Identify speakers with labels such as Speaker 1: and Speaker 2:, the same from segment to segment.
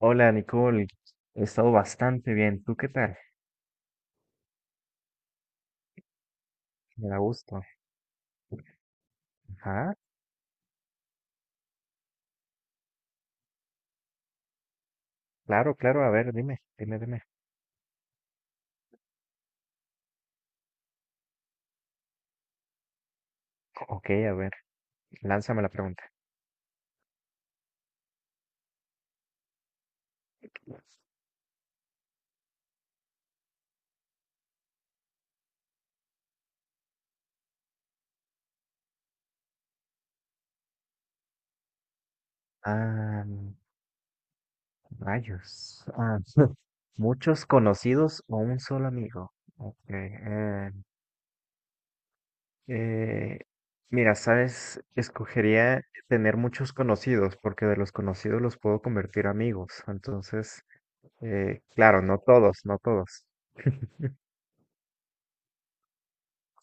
Speaker 1: Hola Nicole, he estado bastante bien. ¿Tú qué tal? Me da gusto. Ajá, claro, claro. A ver, dime, dime, dime. Ok, a ver, lánzame la pregunta. Ah, rayos. Ah, muchos conocidos o un solo amigo. Ok. Eh, mira, sabes, escogería tener muchos conocidos porque de los conocidos los puedo convertir amigos. Entonces, claro, no todos, no todos.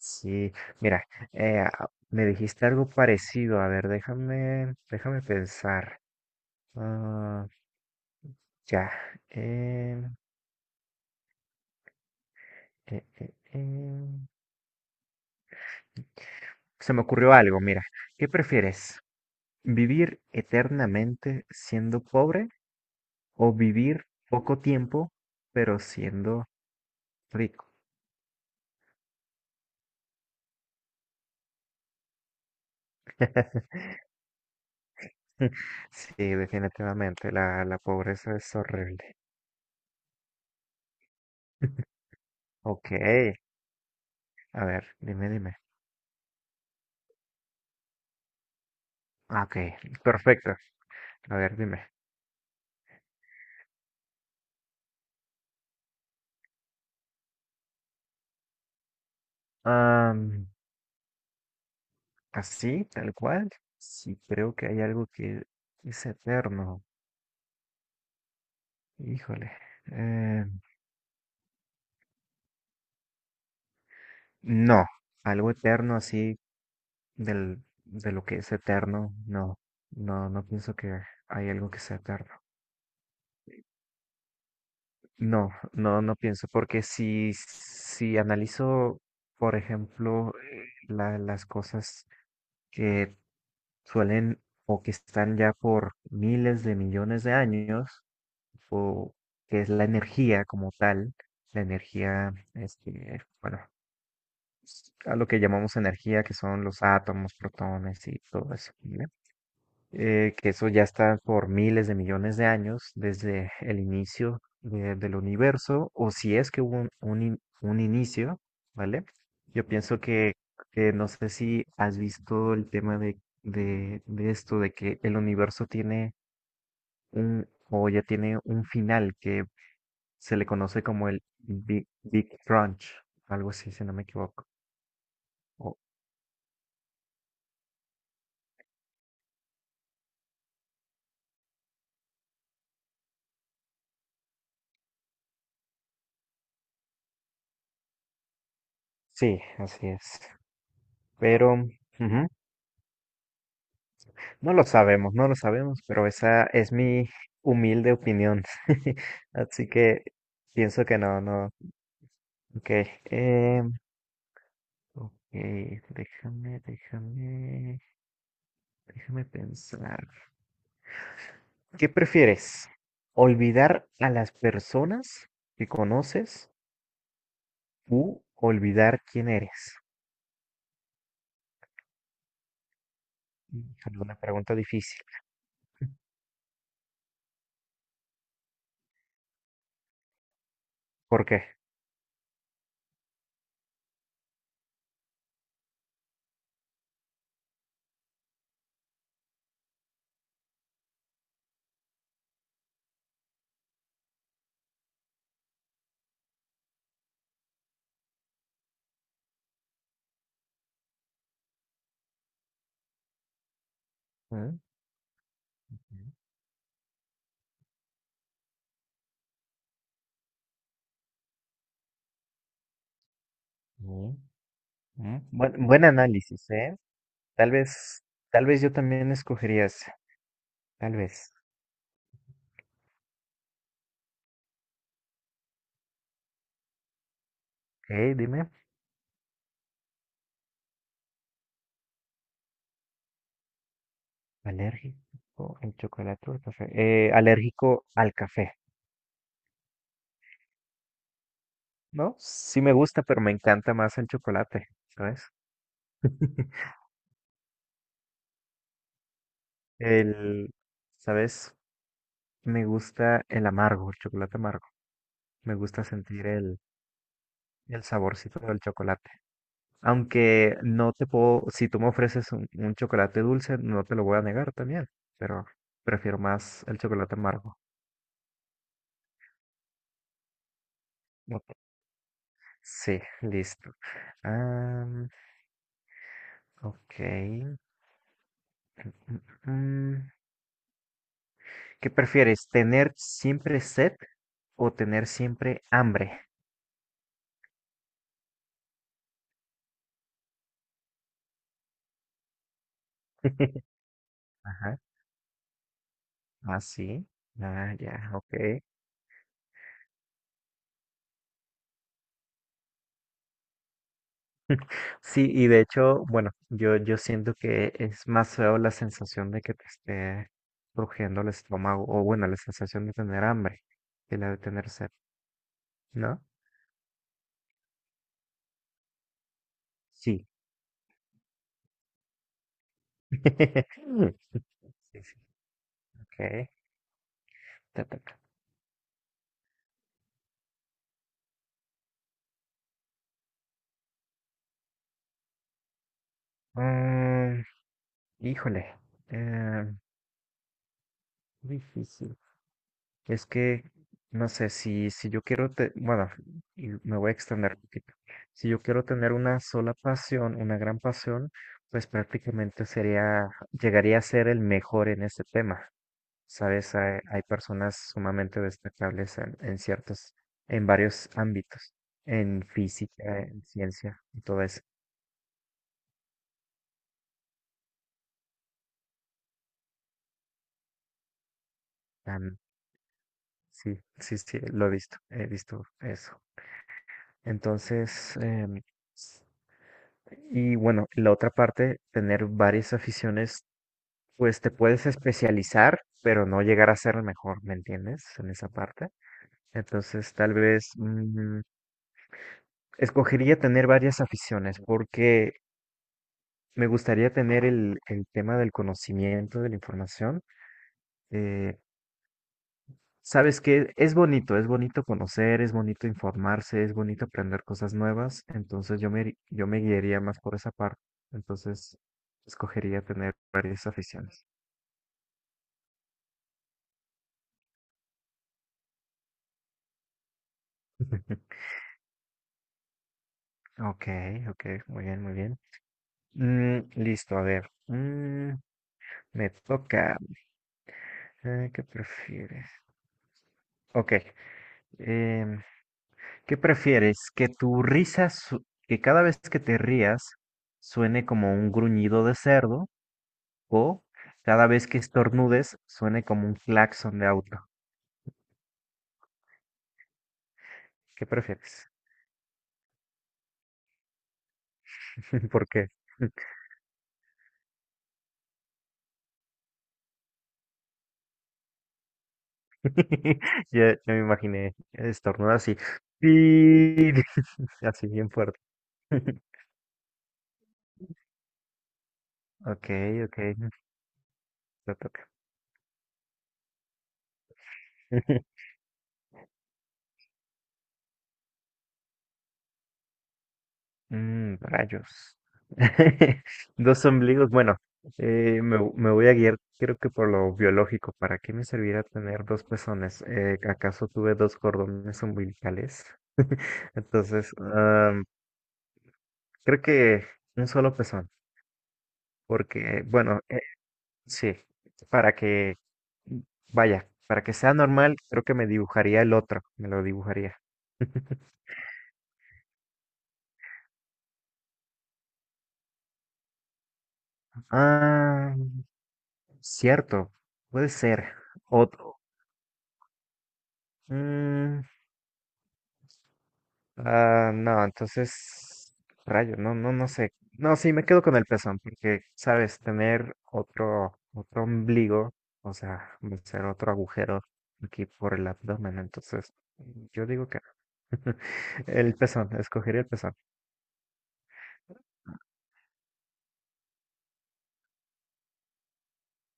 Speaker 1: Sí, mira, me dijiste algo parecido. A ver, déjame pensar. Ah, ya. em, eh, eh, em, Se me ocurrió algo, mira. ¿Qué prefieres? ¿Vivir eternamente siendo pobre o vivir poco tiempo pero siendo rico? Sí, definitivamente, la pobreza es horrible. Ok, a ver, dime, dime. Ah, ok, perfecto. A ver, dime. Am, así, tal cual. Sí, creo que hay algo que es eterno. Híjole. eh, no, algo eterno así de lo que es eterno. No, no, no pienso que hay algo que sea eterno. No, no, no pienso, porque si analizo, por ejemplo, las cosas que suelen o que están ya por miles de millones de años, o que es la energía como tal, la energía, este, bueno, a lo que llamamos energía, que son los átomos, protones y todo eso, ¿vale? Que eso ya está por miles de millones de años desde el del universo, o si es que hubo un inicio, ¿vale? Yo pienso que no sé si has visto el tema de esto, de que el universo tiene un, o ya tiene un final, que se le conoce como el Big Crunch, algo así, si no me equivoco. O- sí, así es. Pero ujú, no lo sabemos, no lo sabemos, pero esa es mi humilde opinión. Así que pienso que no, no. Ok, em, ok, déjame, déjame, déjame pensar. ¿Qué prefieres? ¿Olvidar a las personas que conoces u olvidar quién eres? Híjole, una pregunta difícil. ¿Por qué? Mm, mm, mm. Buen, buen análisis, ¿eh? Tal vez, tal vez yo también escogería ese, tal vez. Dime, alérgico al chocolate o al café. Alérgico al café, ¿no? Sí me gusta, pero me encanta más el chocolate, ¿sabes? El, ¿sabes? Me gusta el amargo, el chocolate amargo. Me gusta sentir el saborcito del chocolate. Aunque no te puedo, si tú me ofreces un chocolate dulce, no te lo voy a negar también, pero prefiero más el chocolate amargo. Ok, sí, listo. Am, ok. Mm. mm. ¿Qué prefieres? ¿Tener siempre sed o tener siempre hambre? Ajá. Así. Ah, sí. Ah, ya, ok. Sí, y de hecho, bueno, yo siento que es más feo la sensación de que te esté rugiendo el estómago, o bueno, la sensación de tener hambre que la de tener sed, ¿no? Sí. Sí, sí, ok. Te toca. Mm, híjole. eh, Difícil. Es que, no sé, si yo quiero, bueno, y me voy a extender un poquito. Si yo quiero tener una sola pasión, una gran pasión, pues prácticamente sería, llegaría a ser el mejor en este tema. Sabes, hay personas sumamente destacables en ciertos, en varios ámbitos, en física, en ciencia, y todo eso. Am, sí, sí, sí, lo he visto eso. Entonces, y bueno, la otra parte, tener varias aficiones, pues te puedes especializar, pero no llegar a ser el mejor, ¿me entiendes? En esa parte. Entonces, tal vez escogería tener varias aficiones porque me gustaría tener el tema del conocimiento, de la información. Eh, sabes que es bonito conocer, es bonito informarse, es bonito aprender cosas nuevas. Entonces, yo me guiaría más por esa parte. Entonces, escogería tener varias aficiones. Ok, ok, muy bien, muy bien. Mm, listo, a ver. Mm, me toca. ¿Qué prefieres? Ok. em, ¿Qué prefieres? Que que cada vez que te rías suene como un gruñido de cerdo o cada vez que estornudes suene como un claxon de auto. ¿Qué prefieres? ¿Por qué? Ya, ya me imaginé estornudar así. Así bien fuerte. Ok, ok, te toca. Mm, rayos. Dos ombligos. Bueno, me voy a guiar, creo que por lo biológico. ¿Para qué me servirá tener dos pezones? ¿Acaso tuve dos cordones umbilicales? Entonces, am, creo que un solo pezón. Porque, bueno, sí, para que, vaya, para que sea normal, creo que me dibujaría el otro. Me lo dibujaría. Ah, cierto, puede ser. O, Mm, ah, no, entonces, rayos, no, no, no sé. No, sí, me quedo con el pezón, porque, sabes, tener otro ombligo, o sea, va a ser otro agujero aquí por el abdomen, entonces, yo digo que no. El pezón, escogería el pezón.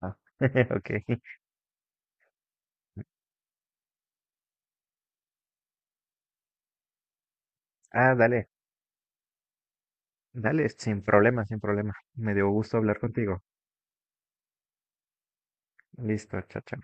Speaker 1: Ah, ok. Ah, dale, dale, sin problema, sin problema. Me dio gusto hablar contigo. Listo, chao, chao.